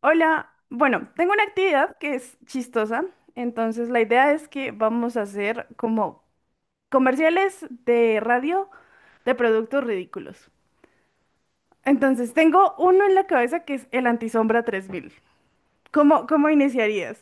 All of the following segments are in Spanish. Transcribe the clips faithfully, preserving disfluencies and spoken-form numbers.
Hola, bueno, tengo una actividad que es chistosa, entonces la idea es que vamos a hacer como comerciales de radio de productos ridículos. Entonces tengo uno en la cabeza que es el Antisombra tres mil. ¿Cómo, cómo iniciarías?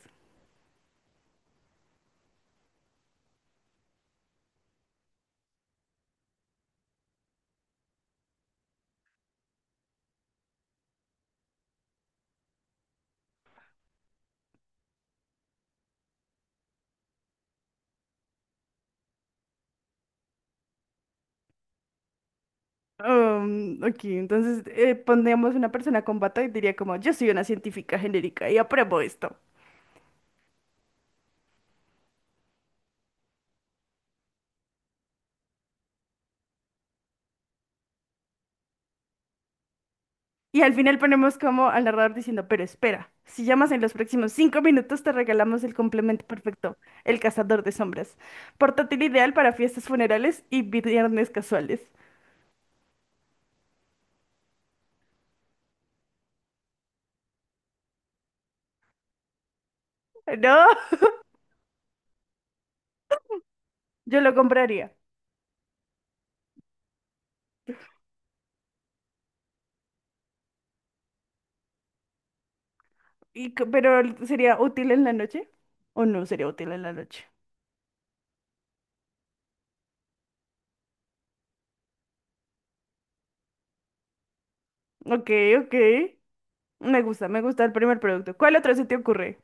Um, ok, entonces eh, pondríamos una persona con bata y diría como, yo soy una científica genérica y apruebo esto. Y al final ponemos como al narrador diciendo, pero espera, si llamas en los próximos cinco minutos te regalamos el complemento perfecto, el cazador de sombras. Portátil ideal para fiestas funerales y viernes casuales. No, yo lo compraría. Y, co- pero ¿sería útil en la noche? ¿O no sería útil en la noche? Ok, ok. Me gusta, me gusta el primer producto. ¿Cuál otro se te ocurre?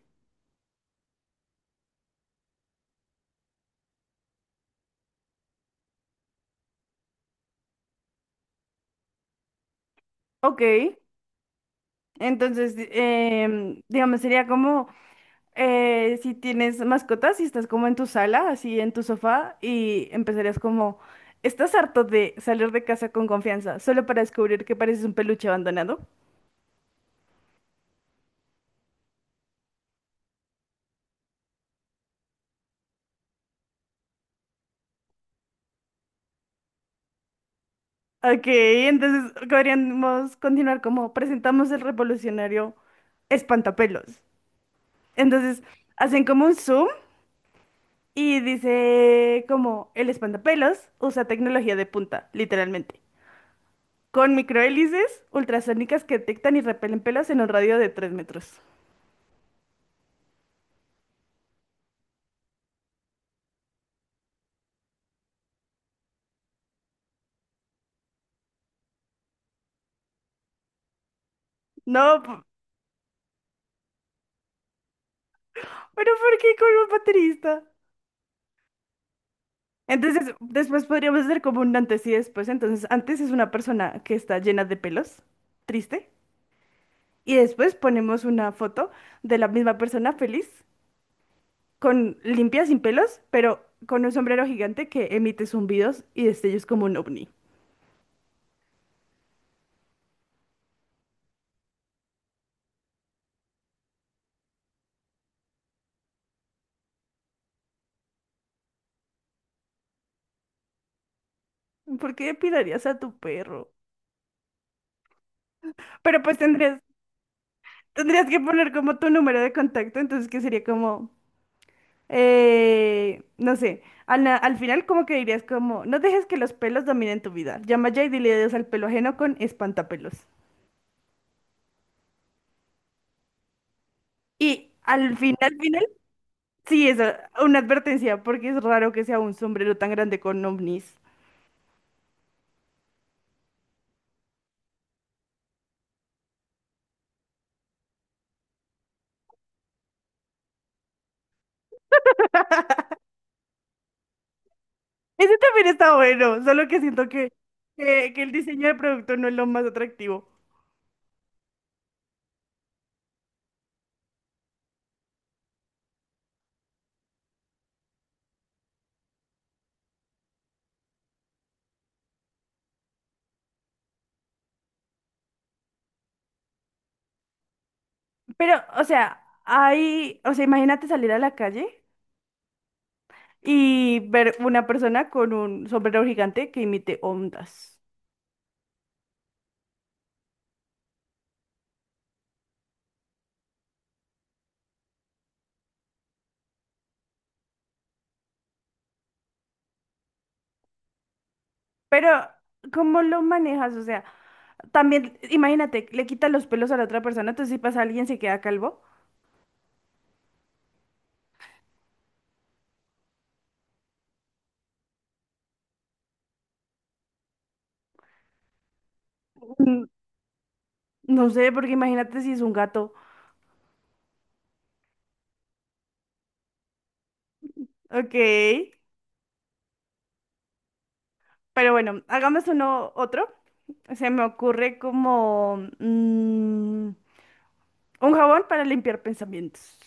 Ok, entonces, di- em, digamos, sería como... Eh, si tienes mascotas, y estás como en tu sala, así en tu sofá, y empezarías como, ¿estás harto de salir de casa con confianza solo para descubrir que pareces un peluche abandonado? Ok, entonces podríamos continuar como presentamos el revolucionario espantapelos. Entonces hacen como un zoom y dice como el espantapelos usa tecnología de punta, literalmente, con microhélices ultrasónicas que detectan y repelen pelos en un radio de tres metros. No. ¿Pero por qué con un baterista? Entonces, después podríamos hacer como un antes y después. Entonces, antes es una persona que está llena de pelos, triste, y después ponemos una foto de la misma persona feliz, con limpia, sin pelos, pero con un sombrero gigante que emite zumbidos y destellos como un ovni. ¿Por qué depilarías a tu perro? Pero pues tendrías, tendrías que poner como tu número de contacto, entonces que sería como Eh, no sé, al, na- al final como que dirías como, no dejes que los pelos dominen tu vida. Llama ya y dile adiós al pelo ajeno con espantapelos. Y al final, final, sí, eso, una advertencia, porque es raro que sea un sombrero tan grande con ovnis. Ese también está bueno, solo que siento que, que, que el diseño del producto no es lo más atractivo. Pero, o sea, hay, o sea, imagínate salir a la calle y ver una persona con un sombrero gigante que imite ondas. Pero, ¿cómo lo manejas? O sea, también, imagínate, le quitas los pelos a la otra persona, entonces si pasa alguien se queda calvo. Mm, No sé, porque imagínate si es un gato. Ok, pero bueno, hagamos uno otro. Se me ocurre como mm, un jabón para limpiar pensamientos.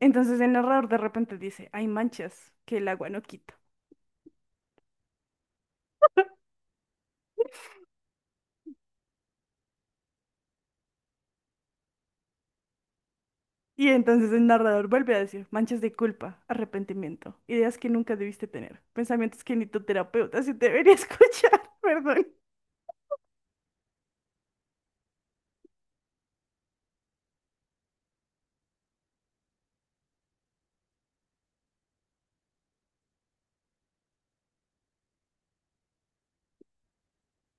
Entonces el narrador de repente dice, hay manchas que el agua no quita. Y entonces el narrador vuelve a decir, manchas de culpa, arrepentimiento, ideas que nunca debiste tener, pensamientos que ni tu terapeuta se debería escuchar, perdón.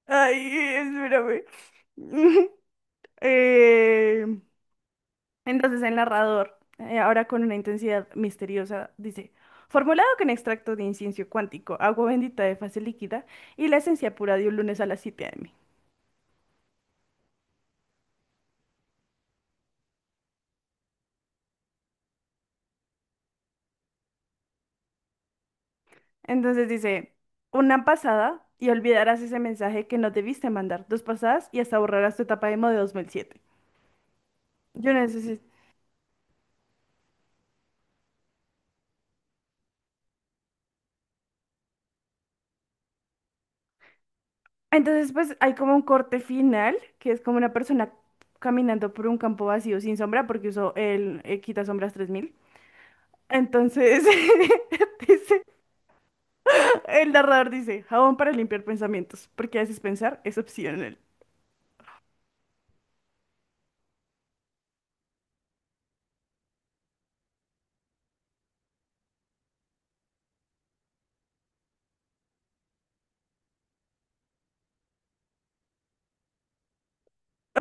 Ay, espérame. Eh, entonces el narrador, eh, ahora con una intensidad misteriosa, dice, formulado con extracto de incienso cuántico, agua bendita de fase líquida y la esencia pura de un lunes a las siete a m. Entonces dice, una pasada y olvidarás ese mensaje que no debiste mandar. Dos pasadas y hasta borrarás tu etapa emo de dos mil siete. Yo necesito. Entonces, pues hay como un corte final, que es como una persona caminando por un campo vacío sin sombra, porque usó el eh, quita sombras tres mil. Entonces, dice, el narrador dice, jabón para limpiar pensamientos, porque a veces pensar es opcional.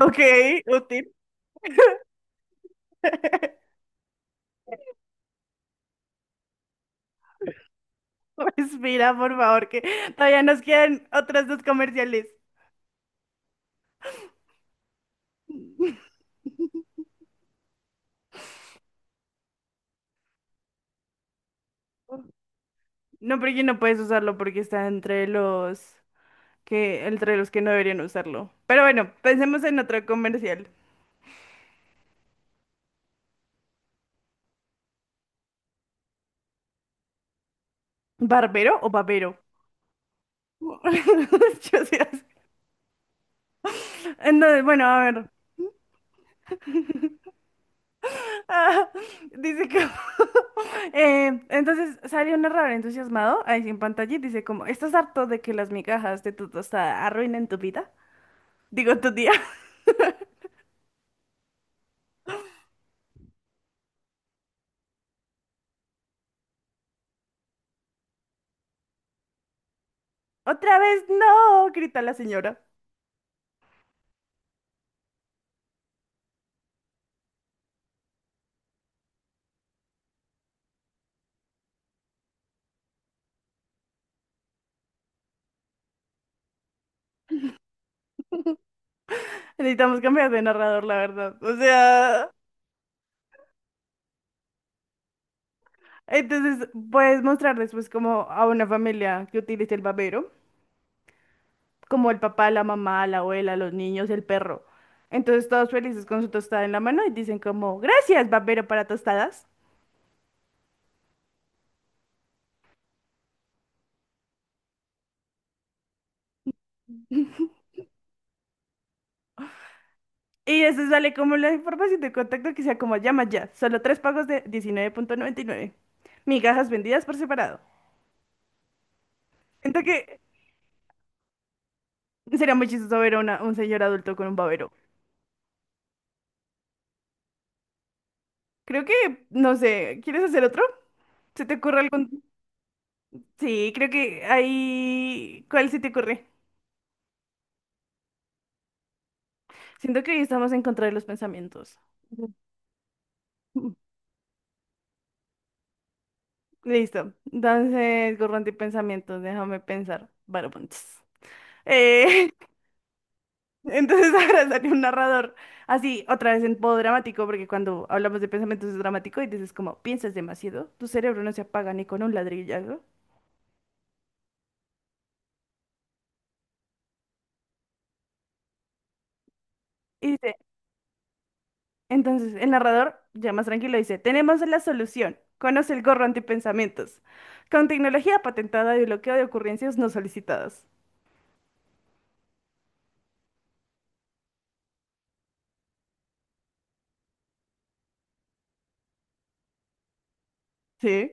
Ok, útil. Respira, por favor, que todavía nos quedan otras dos comerciales. No, porque no puedes usarlo porque está entre los que, entre los que no deberían usarlo. Pero bueno, pensemos en otro comercial. ¿Barbero o babero? Yo sí las- Entonces, bueno, a ver. Ah, dice que... Eh, entonces sale un narrador entusiasmado ahí sí en pantalla y dice como, ¿estás harto de que las migajas de tu tostada arruinen tu vida? Digo, tu día. Otra vez no, grita la señora. Necesitamos cambiar de narrador, la verdad. O sea... Entonces, puedes mostrarles pues como a una familia que utilice el babero, como el papá, la mamá, la abuela, los niños, el perro. Entonces, todos felices con su tostada en la mano y dicen como, gracias, babero para tostadas. Y eso sale como la información de contacto que sea como llama ya, solo tres pagos de diecinueve noventa y nueve. Migajas vendidas por separado. Siento que sería muy chistoso ver a una- un señor adulto con un babero. Creo que, no sé, ¿quieres hacer otro? ¿Se te ocurre algún...? Sí, creo que ahí... ¿Cuál se te ocurre? Siento que hoy estamos en contra de los pensamientos. Ujú. Listo. Entonces, gorro pensamientos déjame pensar. Varopunts. Eh, entonces ahora sale un narrador. Así, otra vez en modo dramático, porque cuando hablamos de pensamientos es dramático y dices como, piensas demasiado, tu cerebro no se apaga ni con un ladrillazo. Y dice, entonces el narrador, ya más tranquilo, dice, tenemos la solución. Conoce el gorro antipensamientos. Con tecnología patentada de bloqueo de ocurrencias no solicitadas. ¿Sí?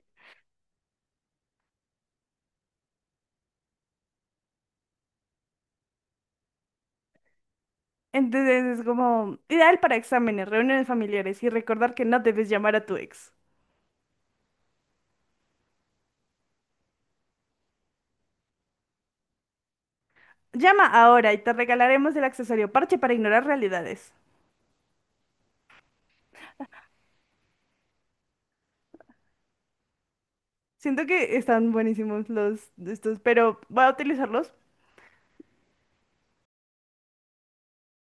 Entonces es como ideal para exámenes, reuniones familiares y recordar que no debes llamar a tu ex. Llama ahora y te regalaremos el accesorio parche para ignorar realidades. Siento que están buenísimos los de estos, pero voy a utilizarlos